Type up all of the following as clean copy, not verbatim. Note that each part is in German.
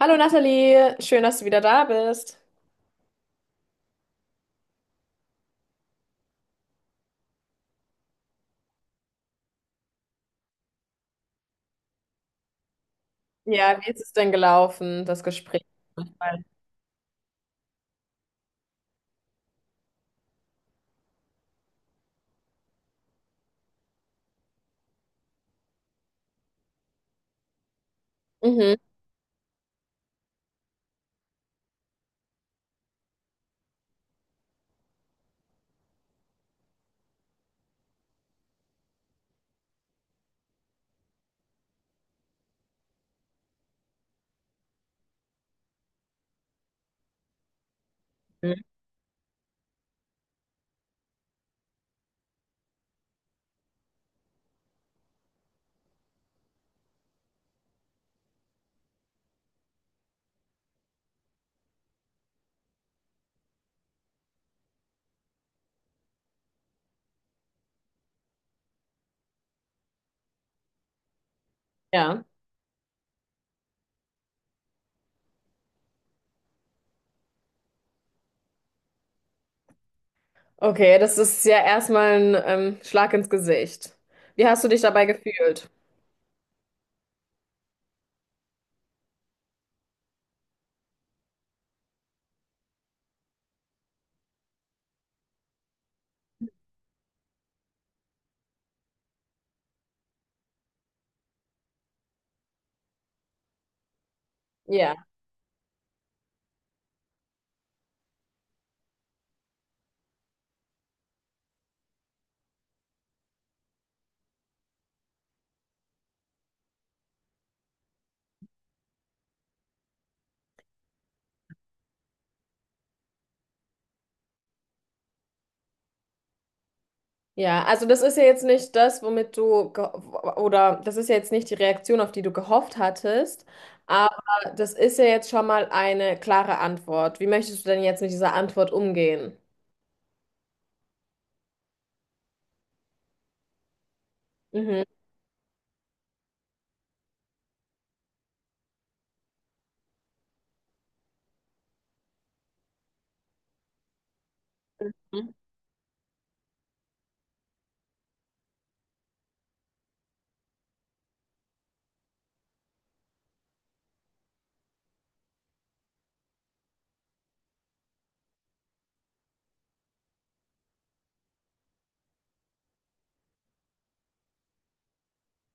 Hallo Nathalie, schön, dass du wieder da bist. Ja, wie ist es denn gelaufen, das Gespräch? Mhm. Mhm. Ja, okay, das ist ja erstmal ein Schlag ins Gesicht. Wie hast du dich dabei gefühlt? Ja, ja, also das ist ja jetzt nicht das, womit du, oder das ist ja jetzt nicht die Reaktion, auf die du gehofft hattest, aber das ist ja jetzt schon mal eine klare Antwort. Wie möchtest du denn jetzt mit dieser Antwort umgehen? Mhm.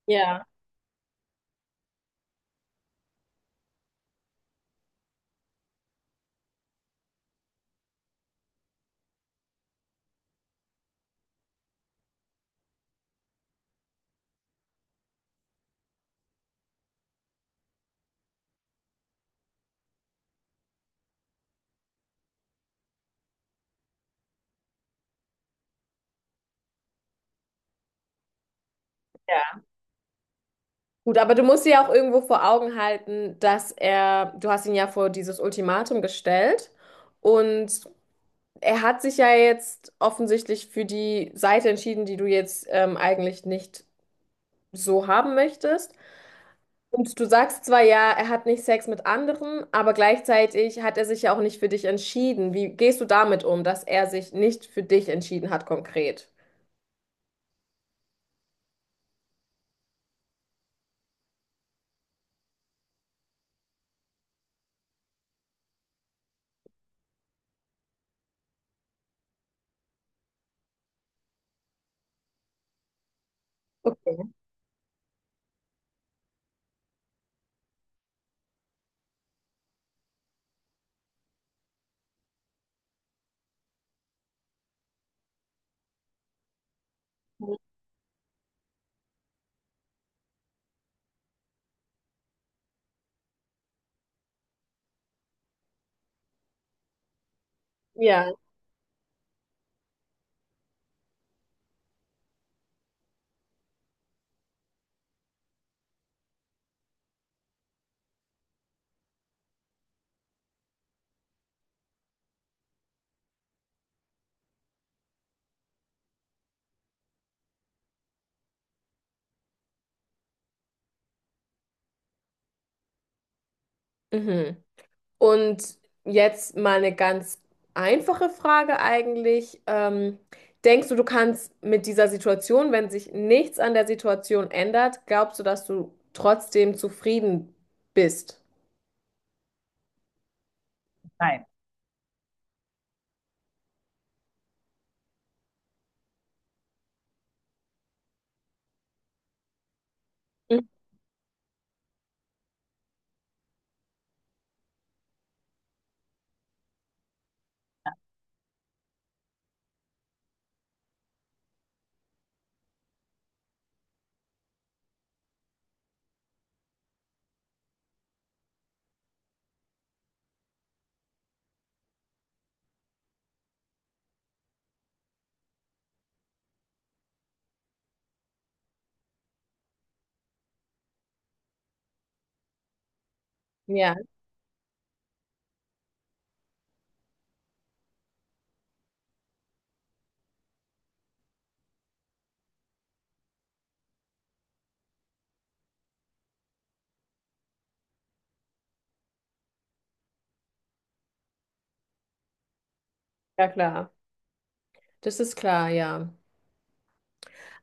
Ja. Ja. Gut, aber du musst dir ja auch irgendwo vor Augen halten, dass er, du hast ihn ja vor dieses Ultimatum gestellt und er hat sich ja jetzt offensichtlich für die Seite entschieden, die du jetzt eigentlich nicht so haben möchtest. Und du sagst zwar ja, er hat nicht Sex mit anderen, aber gleichzeitig hat er sich ja auch nicht für dich entschieden. Wie gehst du damit um, dass er sich nicht für dich entschieden hat konkret? Okay. Ja. Mhm. Und jetzt mal eine ganz einfache Frage eigentlich. Denkst du, du kannst mit dieser Situation, wenn sich nichts an der Situation ändert, glaubst du, dass du trotzdem zufrieden bist? Mhm. Ja, ja klar. Das ist klar, ja.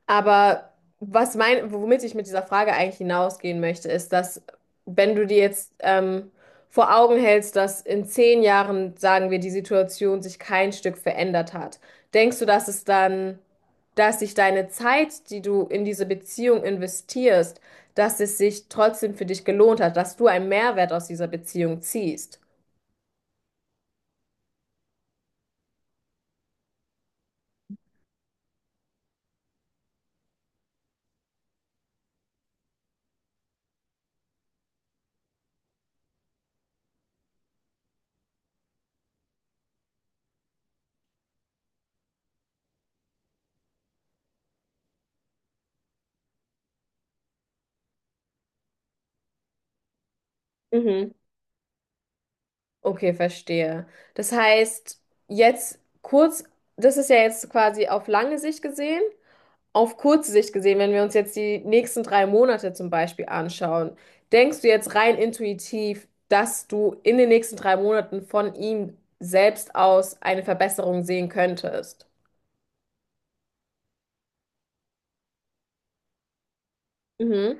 Aber was mein, womit ich mit dieser Frage eigentlich hinausgehen möchte, ist, dass wenn du dir jetzt vor Augen hältst, dass in 10 Jahren, sagen wir, die Situation sich kein Stück verändert hat, denkst du, dass es dann, dass sich deine Zeit, die du in diese Beziehung investierst, dass es sich trotzdem für dich gelohnt hat, dass du einen Mehrwert aus dieser Beziehung ziehst? Mhm. Okay, verstehe. Das heißt, jetzt kurz, das ist ja jetzt quasi auf lange Sicht gesehen. Auf kurze Sicht gesehen, wenn wir uns jetzt die nächsten 3 Monate zum Beispiel anschauen, denkst du jetzt rein intuitiv, dass du in den nächsten 3 Monaten von ihm selbst aus eine Verbesserung sehen könntest? Mhm.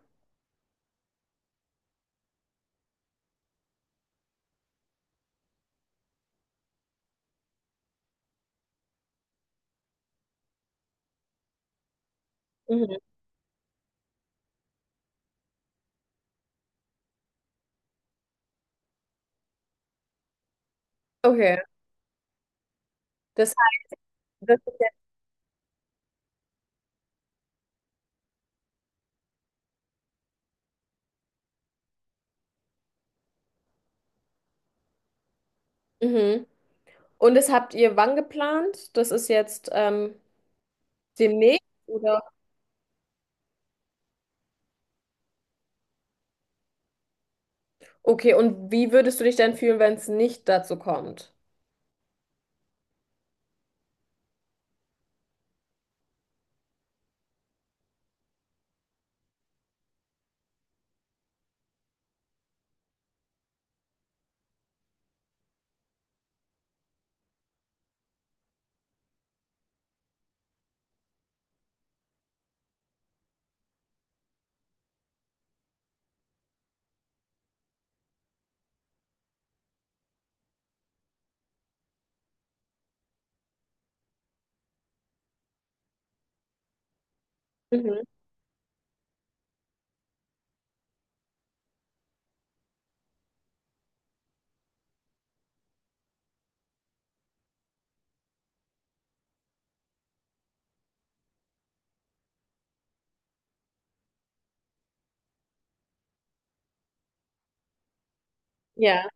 Mhm. Okay. Das, das, mhm. Und das habt ihr wann geplant? Das ist jetzt demnächst, oder? Okay, und wie würdest du dich dann fühlen, wenn es nicht dazu kommt? Mhm. Ja.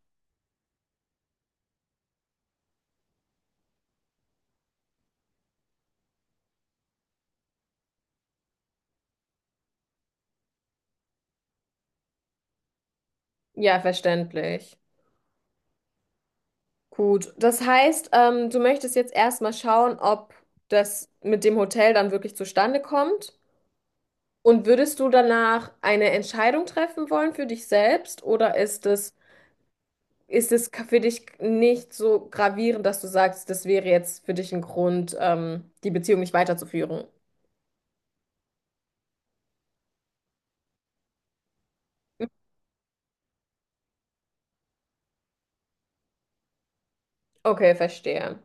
Ja, verständlich. Gut, das heißt, du möchtest jetzt erstmal schauen, ob das mit dem Hotel dann wirklich zustande kommt. Und würdest du danach eine Entscheidung treffen wollen für dich selbst oder ist es für dich nicht so gravierend, dass du sagst, das wäre jetzt für dich ein Grund, die Beziehung nicht weiterzuführen? Okay, verstehe.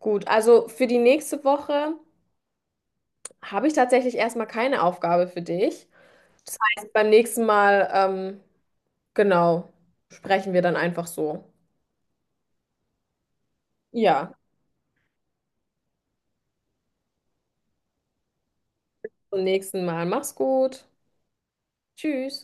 Gut, also für die nächste Woche habe ich tatsächlich erstmal keine Aufgabe für dich. Das heißt, beim nächsten Mal, genau, sprechen wir dann einfach so. Ja, zum nächsten Mal. Mach's gut. Tschüss.